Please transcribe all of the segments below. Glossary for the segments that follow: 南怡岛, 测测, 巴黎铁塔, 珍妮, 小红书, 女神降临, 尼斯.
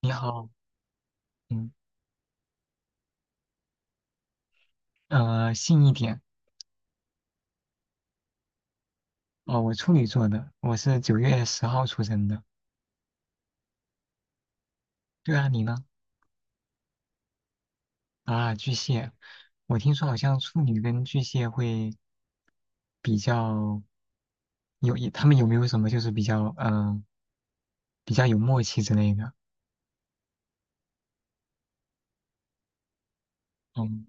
你好，嗯，信一点。哦，我处女座的，我是9月10号出生的。对啊，你呢？啊，巨蟹。我听说好像处女跟巨蟹会比较有，他们有没有什么就是比较，比较有默契之类的？嗯。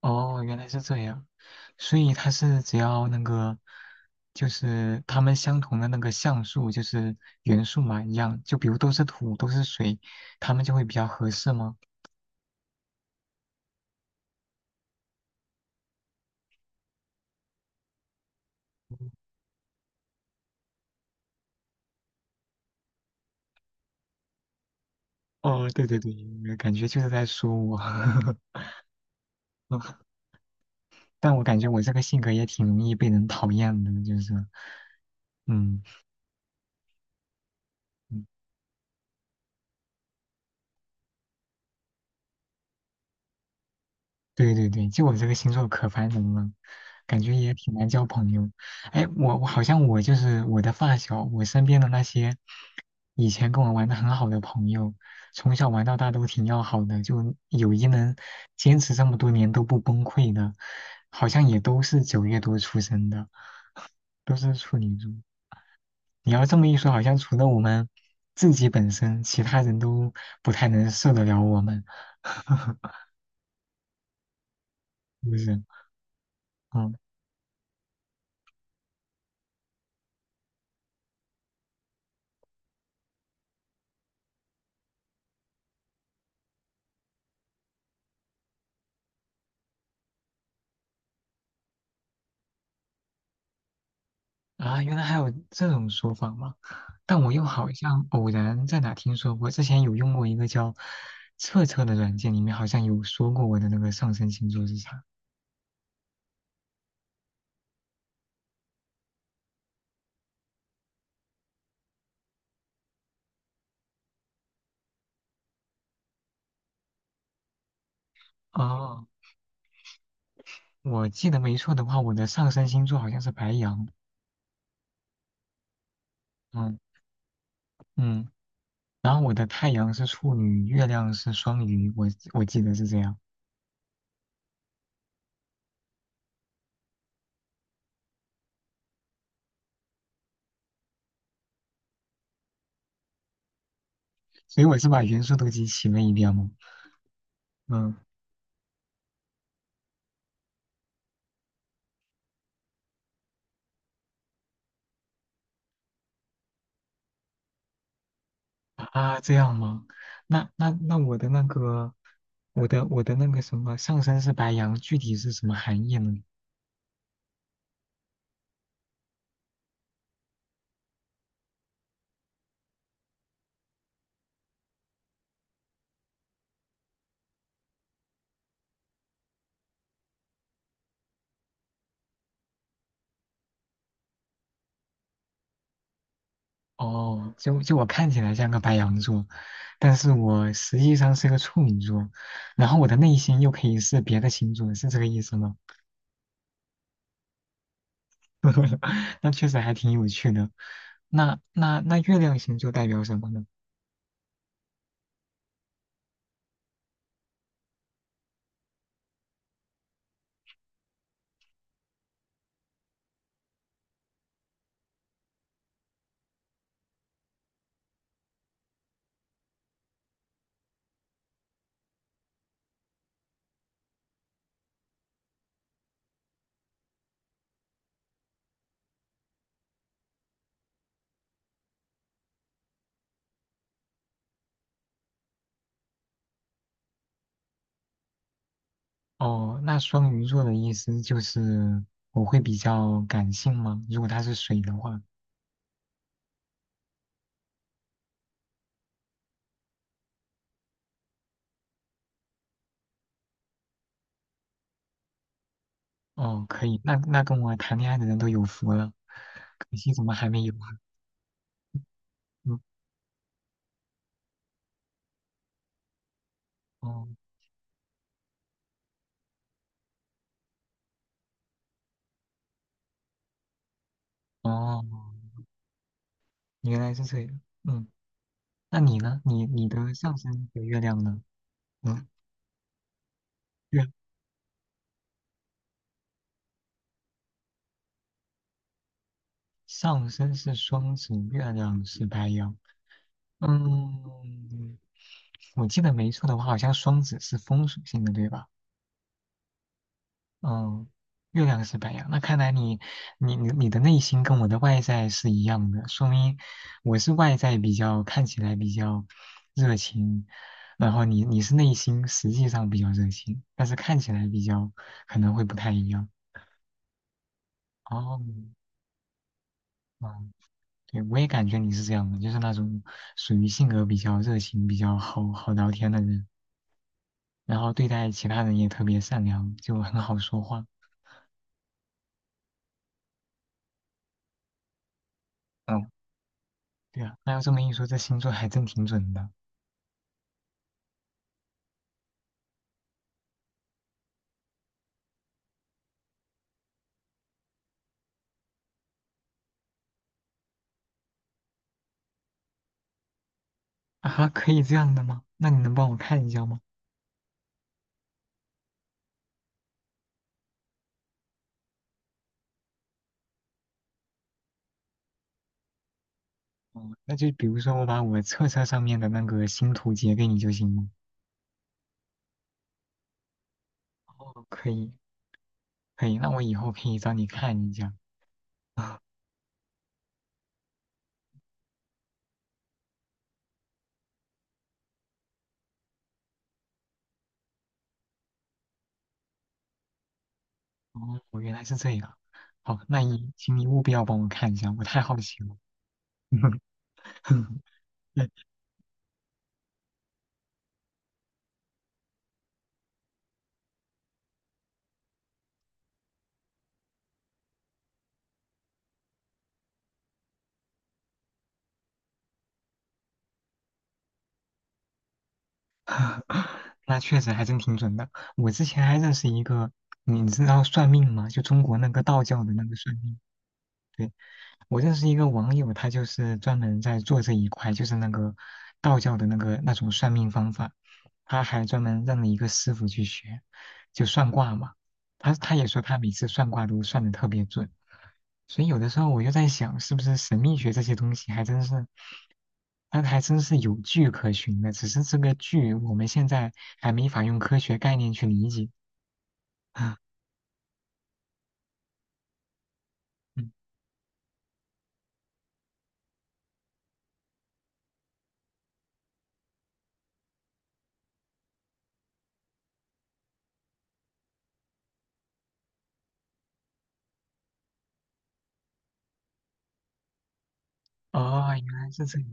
哦，原来是这样，所以它是只要那个，就是它们相同的那个像素，就是元素嘛，一样，就比如都是土，都是水，它们就会比较合适吗？哦，对对对，感觉就是在说我。但我感觉我这个性格也挺容易被人讨厌的，就是，嗯。嗯，对对对，就我这个星座可烦人了，感觉也挺难交朋友。哎，我好像我就是我的发小，我身边的那些以前跟我玩的很好的朋友，从小玩到大都挺要好的，就友谊能坚持这么多年都不崩溃的，好像也都是9月多出生的，都是处女座。你要这么一说，好像除了我们自己本身，其他人都不太能受得了我们。是不是？嗯。啊，原来还有这种说法吗？但我又好像偶然在哪听说过，之前有用过一个叫测测的软件，里面好像有说过我的那个上升星座是啥。哦，我记得没错的话，我的上升星座好像是白羊。嗯。嗯，然后我的太阳是处女，月亮是双鱼，我记得是这样。所以我是把元素都集齐了一遍吗？嗯。啊，这样吗？那我的那个，我的那个什么上身是白羊，具体是什么含义呢？哦，就我看起来像个白羊座，但是我实际上是个处女座，然后我的内心又可以是别的星座，是这个意思吗？那确实还挺有趣的。那月亮星座代表什么呢？哦，那双鱼座的意思就是我会比较感性吗？如果他是水的话。哦，可以，那跟我谈恋爱的人都有福了，可惜怎么还没有啊？嗯。哦，哦，原来是这样，嗯。那你呢？你的上升和月亮呢？嗯。月上升是双子，月亮是白羊。嗯，我记得没错的话，好像双子是风属性的，对吧？嗯。月亮是白羊，那看来你你的内心跟我的外在是一样的，说明我是外在比较看起来比较热情，然后你是内心实际上比较热情，但是看起来比较可能会不太一样。哦，嗯，对，我也感觉你是这样的，就是那种属于性格比较热情、比较好好聊天的人，然后对待其他人也特别善良，就很好说话。嗯，对啊，那要这么一说，这星座还真挺准的。啊，可以这样的吗？那你能帮我看一下吗？哦，那就比如说我把我册册上面的那个星图截给你就行了。哦，可以，可以，那我以后可以找你看一下。啊，哦，原来是这样。好，那你请你务必要帮我看一下，我太好奇了。对。 那确实还真挺准的。我之前还认识一个，你知道算命吗？就中国那个道教的那个算命。对。我认识一个网友，他就是专门在做这一块，就是那个道教的那个那种算命方法，他还专门认了一个师傅去学，就算卦嘛。他也说他每次算卦都算的特别准，所以有的时候我就在想，是不是神秘学这些东西还真是，它还真是有据可循的，只是这个据我们现在还没法用科学概念去理解。嗯，哦，原来是这样，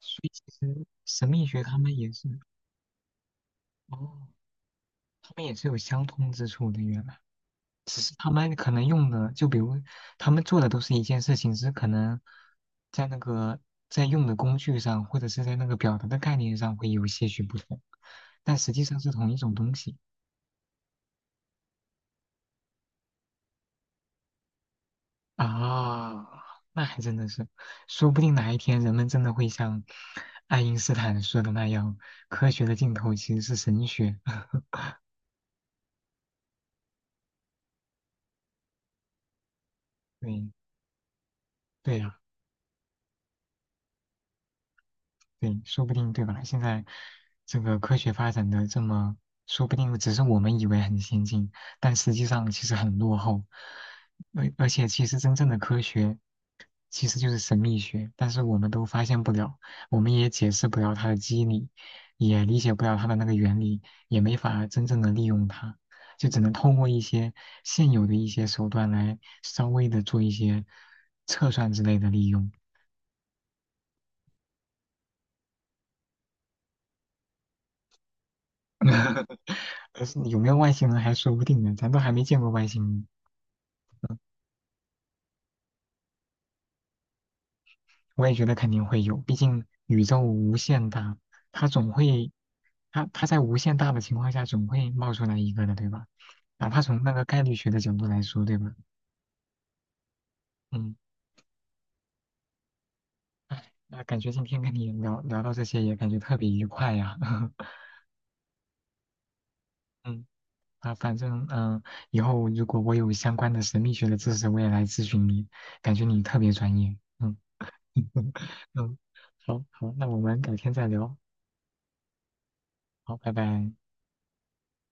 所以其实神秘学他们也是，哦。他们也是有相通之处的，原来只是他们可能用的，就比如他们做的都是一件事情，只是可能在那个在用的工具上，或者是在那个表达的概念上会有些许不同，但实际上是同一种东西。啊，那还真的是，说不定哪一天人们真的会像爱因斯坦说的那样，科学的尽头其实是神学。对对呀、对，说不定对吧？现在这个科学发展的这么，说不定只是我们以为很先进，但实际上其实很落后。而且，其实真正的科学其实就是神秘学，但是我们都发现不了，我们也解释不了它的机理，也理解不了它的那个原理，也没法真正的利用它，就只能通过一些现有的一些手段来稍微的做一些测算之类的利用。可是有没有外星人还说不定呢，咱都还没见过外星人。我也觉得肯定会有，毕竟宇宙无限大，它总会，它在无限大的情况下总会冒出来一个的，对吧？哪怕从那个概率学的角度来说，对吧？嗯。哎，那感觉今天跟你聊到这些也感觉特别愉快呀。嗯，啊，反正以后如果我有相关的神秘学的知识，我也来咨询你，感觉你特别专业。嗯。 嗯，好好，那我们改天再聊。好，拜拜。